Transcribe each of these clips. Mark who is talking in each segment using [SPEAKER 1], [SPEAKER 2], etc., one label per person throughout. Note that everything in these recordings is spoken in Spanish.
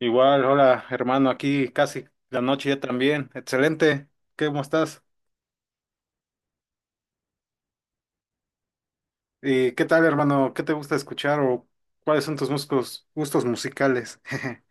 [SPEAKER 1] Igual, hola hermano, aquí casi la noche ya también. Excelente, ¿cómo estás? ¿Y qué tal hermano? ¿Qué te gusta escuchar o cuáles son tus gustos musicales?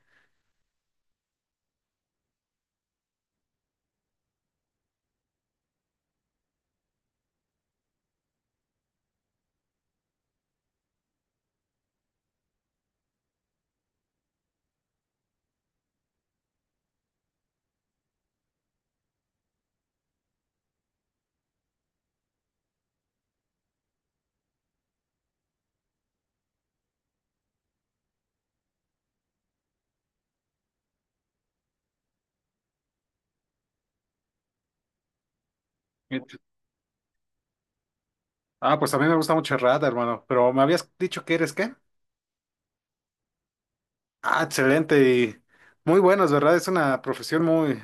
[SPEAKER 1] Ah, pues a mí me gusta mucho el rap, hermano, pero me habías dicho que ¿eres qué? Ah, excelente y muy buenos, ¿verdad? Es una profesión muy,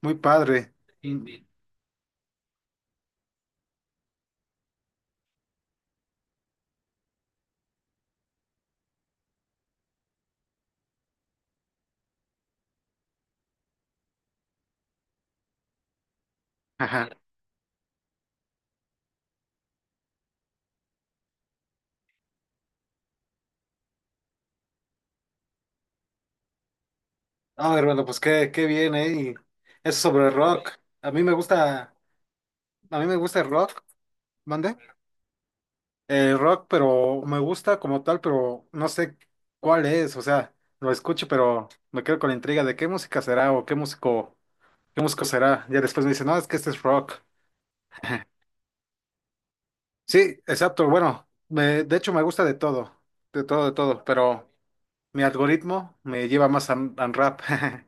[SPEAKER 1] muy padre. Indie. Ajá. Ah, hermano, pues qué bien, ¿eh? Y eso sobre el rock. A mí me gusta, a mí me gusta el rock, ¿mande? Rock, pero me gusta como tal, pero no sé cuál es, o sea, lo escucho, pero me quedo con la intriga de qué música será o qué músico será. Ya después me dicen, no, es que este es rock. Sí, exacto, bueno, de hecho me gusta de todo, de todo, de todo, pero mi algoritmo me lleva más a, rap.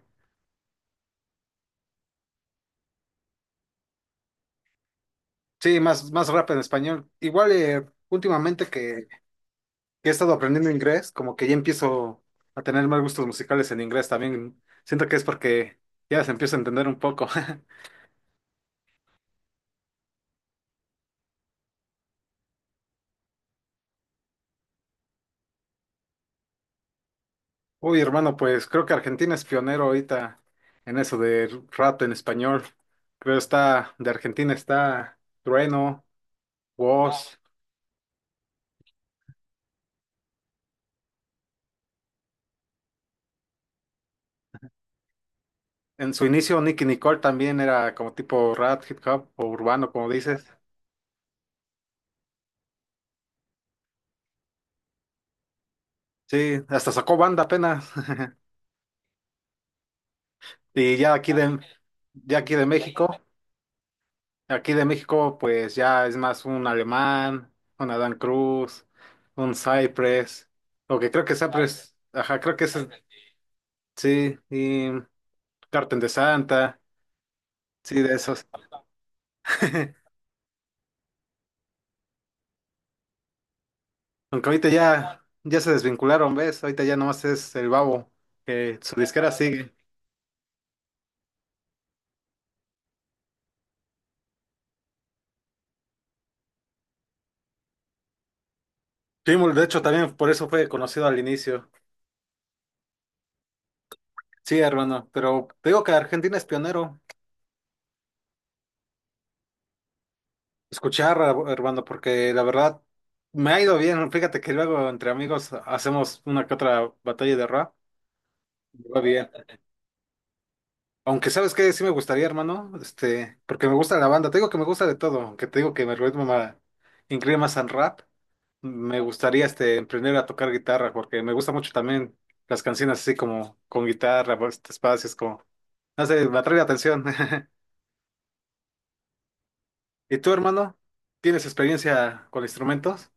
[SPEAKER 1] Sí, más, más rap en español. Igual últimamente que he estado aprendiendo inglés, como que ya empiezo a tener más gustos musicales en inglés también. Siento que es porque ya se empieza a entender un poco. Uy, hermano, pues creo que Argentina es pionero ahorita en eso de rap en español. De Argentina está Trueno, Wos. En su inicio, Nicki Nicole también era como tipo rap, hip hop o urbano, como dices. Sí, hasta sacó banda apenas. Y ya aquí de, ya aquí de México. Aquí de México, pues ya es más un Alemán, un Adán Cruz, un Cypress. Lo que creo que Cypress, ajá, creo que es, sí, y Cartel de Santa, sí, de esos. Aunque ahorita ya se desvincularon, ¿ves? Ahorita ya nomás es el Babo, que su disquera sigue. Pitbull, de hecho, también por eso fue conocido al inicio. Sí, hermano, pero te digo que Argentina es pionero. Escuchar, hermano, porque la verdad me ha ido bien. Fíjate que luego entre amigos hacemos una que otra batalla de rap. Me va bien. Aunque sabes que sí me gustaría, hermano, porque me gusta la banda. Te digo que me gusta de todo, aunque te digo que me ritmo incline más al rap. Me gustaría emprender a tocar guitarra, porque me gusta mucho también las canciones así como con guitarra, pues, espacios como, no sé, me atrae la atención. ¿Y tú, hermano? ¿Tienes experiencia con instrumentos?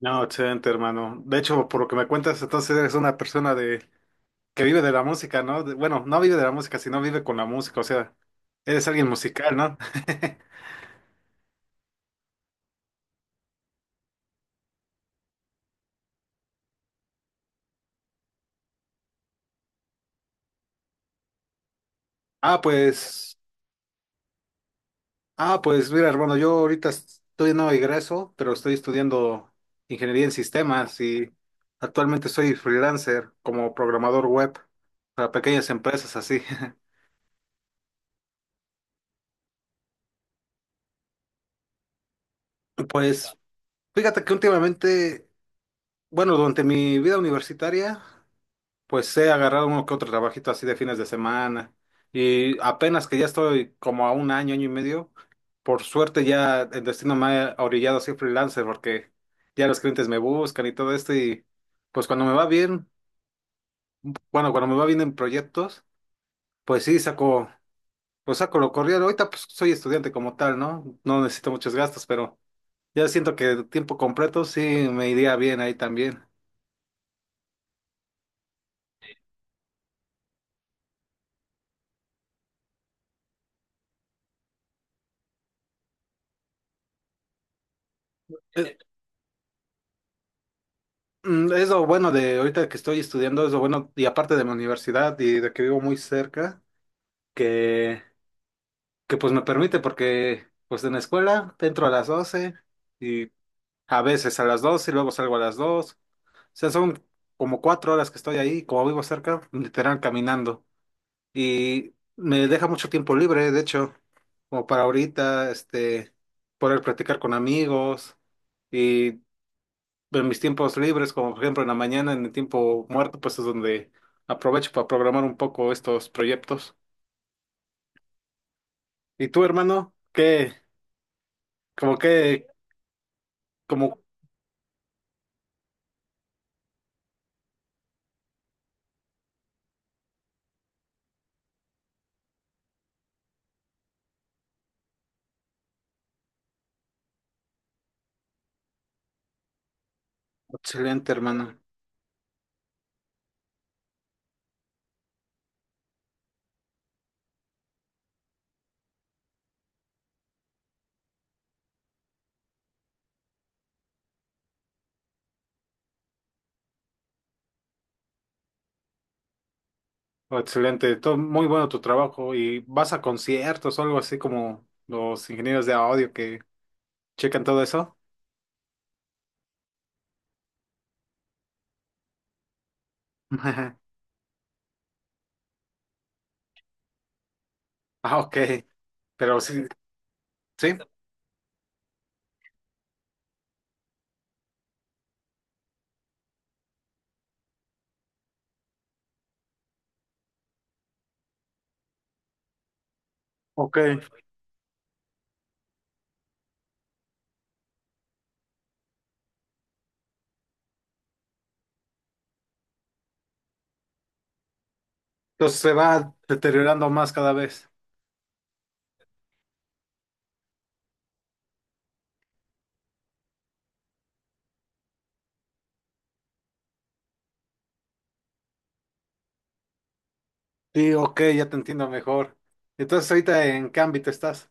[SPEAKER 1] No, excelente, hermano. De hecho, por lo que me cuentas, entonces eres una persona de que vive de la música, ¿no? Bueno, no vive de la música, sino vive con la música, o sea, eres alguien musical, ¿no? Ah, pues, ah, pues, mira, hermano, yo ahorita estoy no egreso, pero estoy estudiando ingeniería en sistemas y actualmente soy freelancer como programador web para pequeñas empresas así. Pues, fíjate que últimamente, bueno, durante mi vida universitaria. Pues he agarrado uno que otro trabajito así de fines de semana y apenas que ya estoy como a un año, año y medio, por suerte ya el destino me ha orillado a ser freelancer porque ya los clientes me buscan y todo esto y pues cuando me va bien, bueno, cuando me va bien en proyectos, pues sí saco, pues saco lo corrido. Ahorita pues soy estudiante como tal, ¿no? No necesito muchos gastos, pero ya siento que tiempo completo sí me iría bien ahí también. Eh, Es lo bueno de ahorita que estoy estudiando, es lo bueno, y aparte de mi universidad y de que vivo muy cerca, que, que pues me permite, porque pues en la escuela entro a las 12 y a veces a las 12 y luego salgo a las 2. O sea, son como cuatro horas que estoy ahí, como vivo cerca, literal caminando. Y me deja mucho tiempo libre, de hecho, como para ahorita, poder platicar con amigos. Y en mis tiempos libres, como por ejemplo en la mañana, en el tiempo muerto, pues es donde aprovecho para programar un poco estos proyectos. ¿Y tú, hermano? ¿Qué? Como que, como excelente, hermano. Excelente, todo muy bueno tu trabajo. ¿Y vas a conciertos o algo así como los ingenieros de audio que checan todo eso? Ah, ok. Pero sí, sí, ok. Entonces se va deteriorando más cada vez. Sí, ok, ya te entiendo mejor. ¿Entonces ahorita en qué ámbito estás?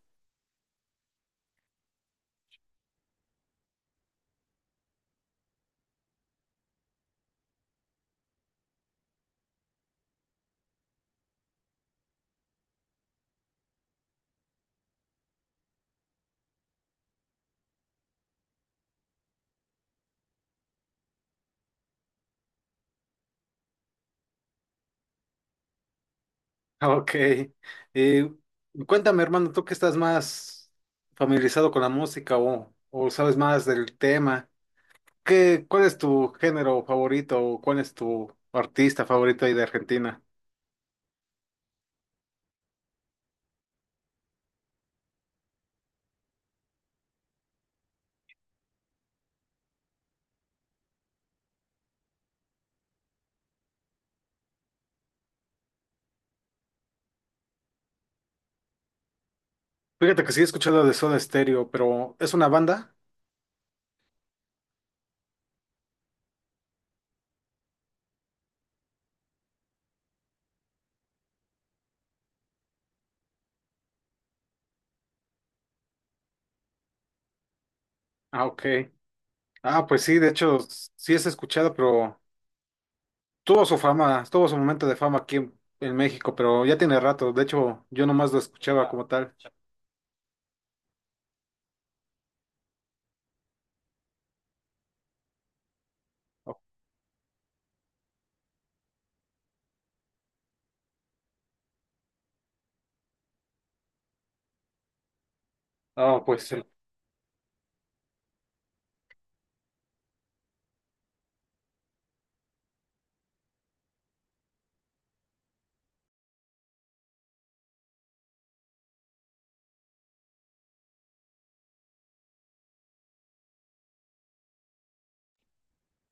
[SPEAKER 1] Ah, ok. Eh, Cuéntame, hermano, tú que estás más familiarizado con la música o sabes más del tema, ¿ cuál es tu género favorito o cuál es tu artista favorito ahí de Argentina? Fíjate que sí he escuchado de Soda Stereo, pero ¿es una banda? Ah, ok. Ah, pues sí, de hecho, sí es escuchado, pero tuvo su fama, tuvo su momento de fama aquí en México, pero ya tiene rato. De hecho, yo nomás lo escuchaba como tal. Ah, pues.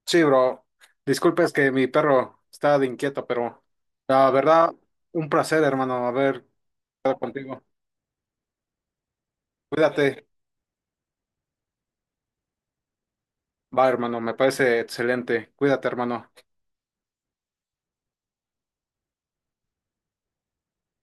[SPEAKER 1] Sí, bro. Disculpa, es que mi perro está de inquieto, pero la verdad, un placer, hermano, haber estado contigo. Cuídate. Va, hermano, me parece excelente. Cuídate, hermano.